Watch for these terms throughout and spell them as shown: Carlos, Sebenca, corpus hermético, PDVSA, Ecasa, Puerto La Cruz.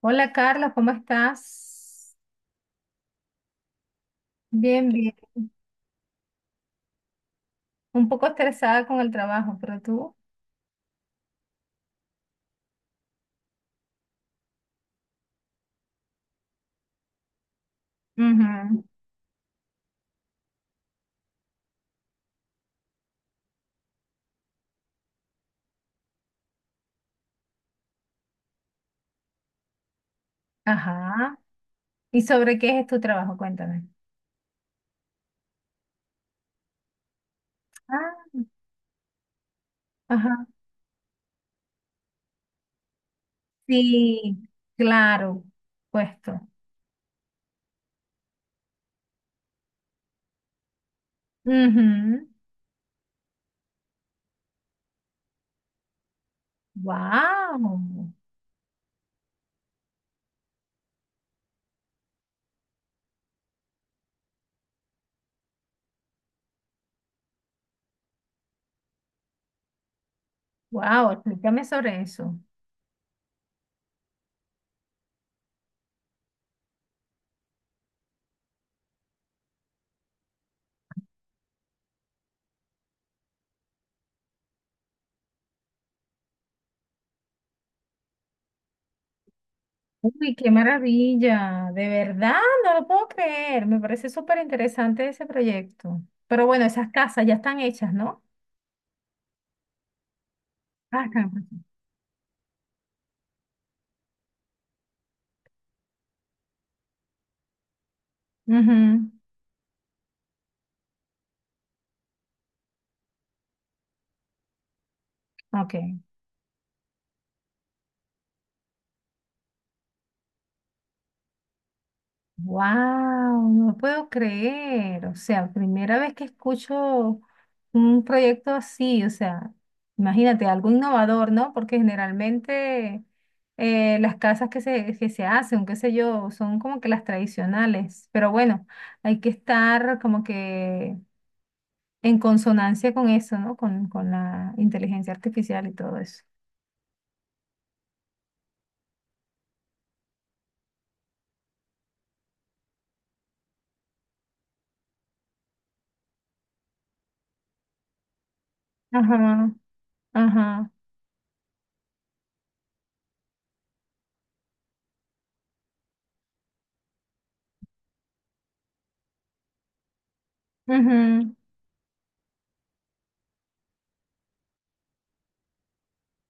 Hola Carlos, ¿cómo estás? Bien, bien. Un poco estresada con el trabajo, pero tú. Ujú. Ajá. ¿Y sobre qué es tu trabajo? Cuéntame. Ah, ajá. Sí, claro, puesto. Ujú. Wow, wow, explícame sobre eso. Uy, qué maravilla, de verdad, no lo puedo creer. Me parece súper interesante ese proyecto. Pero bueno, esas casas ya están hechas, ¿no? Ah, están hechas. Ujú. Ok. Wow, no puedo creer. O sea, primera vez que escucho un proyecto así. O sea, imagínate, algo innovador, ¿no? Porque generalmente las casas que se hacen, qué sé yo, son como que las tradicionales. Pero bueno, hay que estar como que en consonancia con eso, ¿no? Con la inteligencia artificial y todo eso. Ajá, ajá, ujú,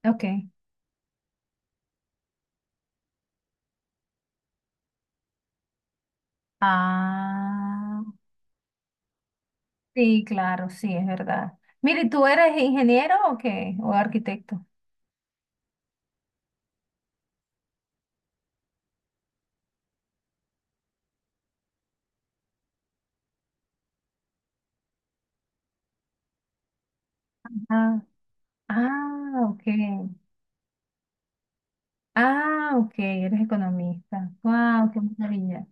ok. Ah. Sí, claro, sí, es verdad. Mire, ¿tú eres ingeniero o qué? ¿O arquitecto? Ah, ah, ok. Ah, ok, eres economista. Wow, qué maravilla.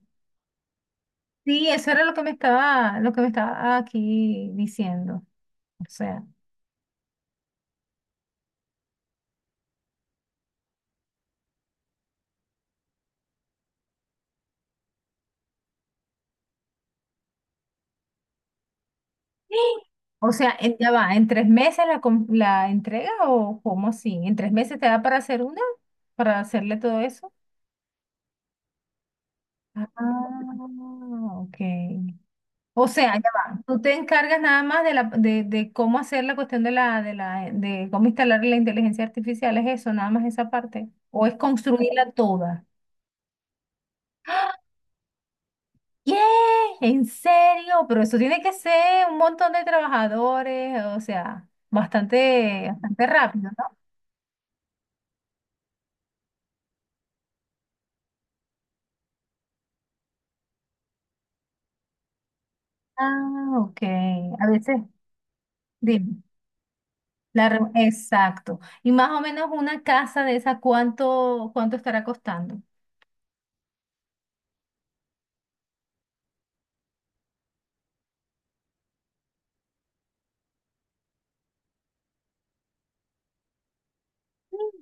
Sí, eso era lo que me estaba, lo que me estaba aquí diciendo. O sea, ¡ah! O sea, ya va, ¿en 3 meses la entrega o cómo así? ¿En tres meses te da para hacer una? ¿Para hacerle todo eso? Ah, ok. O sea, ya va. Tú te encargas nada más de de cómo hacer la cuestión de la de cómo instalar la inteligencia artificial, es eso, nada más esa parte. O es construirla toda. ¿Qué? ¿En serio? Pero eso tiene que ser un montón de trabajadores, o sea, bastante, bastante rápido, ¿no? Ah, ok. A veces, dime. La exacto. Y más o menos una casa de esa, ¿cuánto estará costando?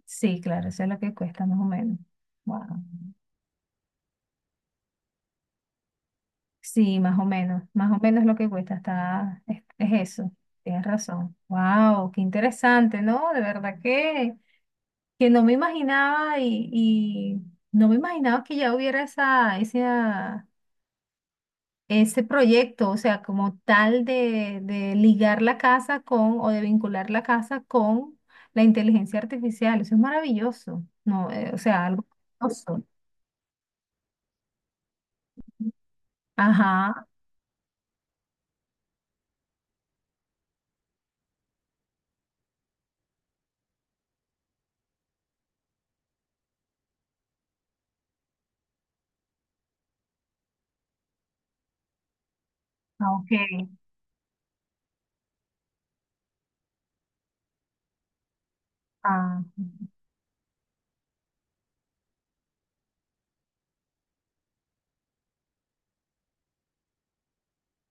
Sí, claro, eso es lo que cuesta más o menos. Wow. Sí, más o menos lo que cuesta, es eso, tienes razón. Wow, qué interesante, ¿no? De verdad que no me imaginaba y no me imaginaba que ya hubiera ese proyecto, o sea, como tal de ligar la casa con o de vincular la casa con la inteligencia artificial. Eso es maravilloso, ¿no? O sea, algo maravilloso. Ajá, ah, ok. Ah,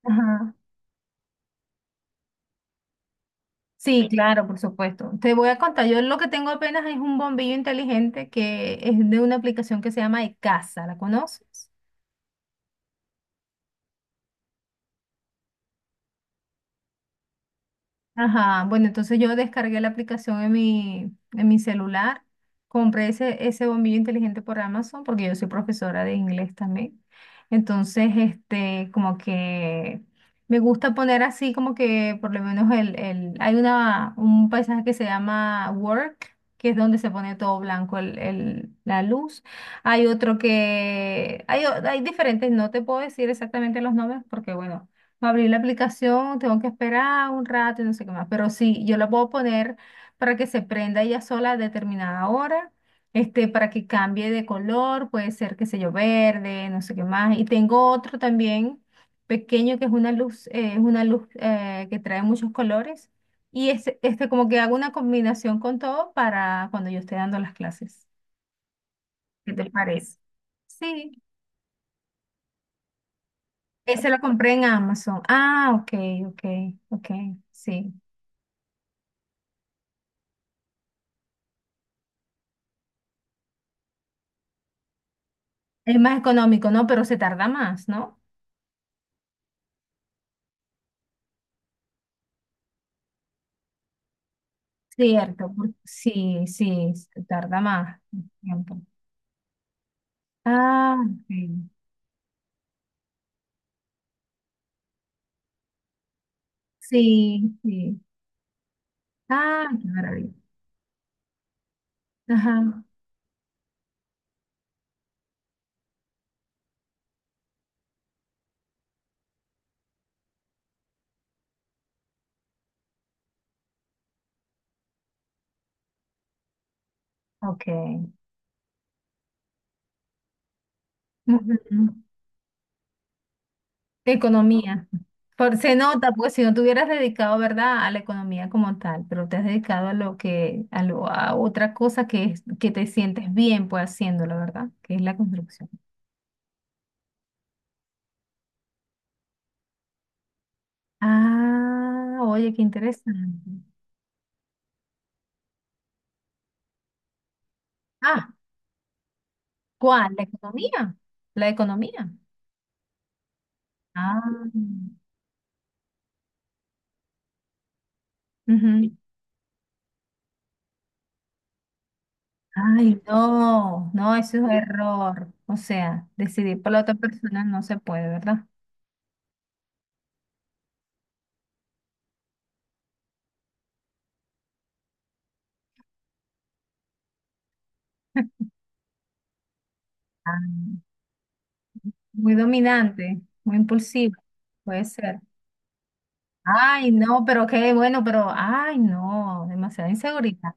ajá. Sí, claro, por supuesto. Te voy a contar, yo lo que tengo apenas es un bombillo inteligente que es de una aplicación que se llama Ecasa, ¿la conoces? Ajá, bueno, entonces yo descargué la aplicación en mi celular, compré ese bombillo inteligente por Amazon porque yo soy profesora de inglés también. Entonces, este, como que me gusta poner así como que por lo menos hay un paisaje que se llama Work, que es donde se pone todo blanco la luz. Hay otro que, hay diferentes, no te puedo decir exactamente los nombres porque bueno. Para abrir la aplicación tengo que esperar un rato y no sé qué más, pero sí, yo la puedo poner para que se prenda ella sola a determinada hora, este, para que cambie de color, puede ser, qué sé yo, verde, no sé qué más. Y tengo otro también pequeño que es una luz, que trae muchos colores este como que hago una combinación con todo para cuando yo esté dando las clases. ¿Qué te parece? Sí, ese lo compré en Amazon. Ah, ok, ok, ok, sí. Es más económico, ¿no? Pero se tarda más, ¿no? Cierto, sí, sí, se tarda más tiempo. Ah, sí, sí, sí. Ah, qué maravilla. Ajá, ok. Ujú. Economía. Por, se nota, pues si no te hubieras dedicado, ¿verdad?, a la economía como tal, pero te has dedicado a lo que, a lo, a otra cosa que te sientes bien, pues haciéndolo, ¿verdad? Que es la construcción. Ah, oye, qué interesante. Ah, ¿cuál? ¿La economía? ¿La economía? Ah, ujú. Ay, no, no, eso es error. O sea, decidir por la otra persona no se puede, ¿verdad? Ah, muy dominante, muy impulsivo, puede ser. Ay, no, pero qué bueno, pero, ay, no, demasiada inseguridad.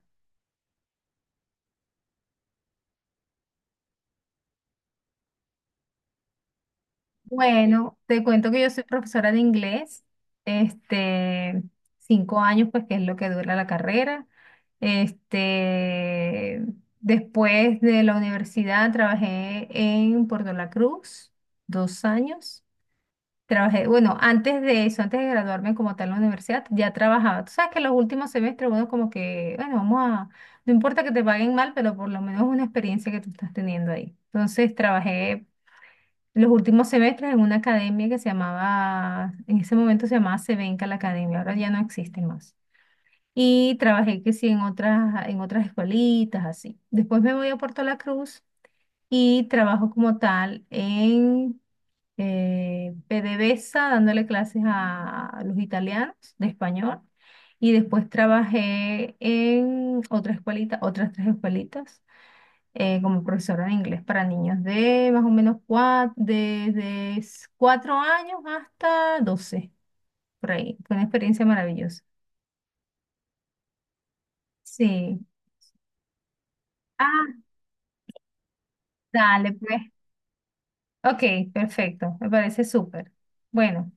Bueno, te cuento que yo soy profesora de inglés, este, 5 años, pues que es lo que dura la carrera. Este, después de la universidad trabajé en Puerto La Cruz, 2 años. Trabajé, bueno, antes de eso, antes de graduarme como tal en la universidad, ya trabajaba. Tú sabes que los últimos semestres, bueno, como que, bueno, vamos a, no importa que te paguen mal, pero por lo menos una experiencia que tú estás teniendo ahí. Entonces trabajé los últimos semestres en una academia que se llamaba, en ese momento se llamaba Sebenca la academia, ahora ya no existe más. Y trabajé que sí en otras, escuelitas, así. Después me voy a Puerto La Cruz y trabajo como tal en PDVSA, dándole clases a los italianos de español. Y después trabajé en otra escuelita, otras tres escuelitas como profesora de inglés para niños de más o menos cuatro, desde 4 años hasta 12 por ahí. Fue una experiencia maravillosa. Sí. Ah, dale, pues. Ok, perfecto. Me parece súper. Bueno.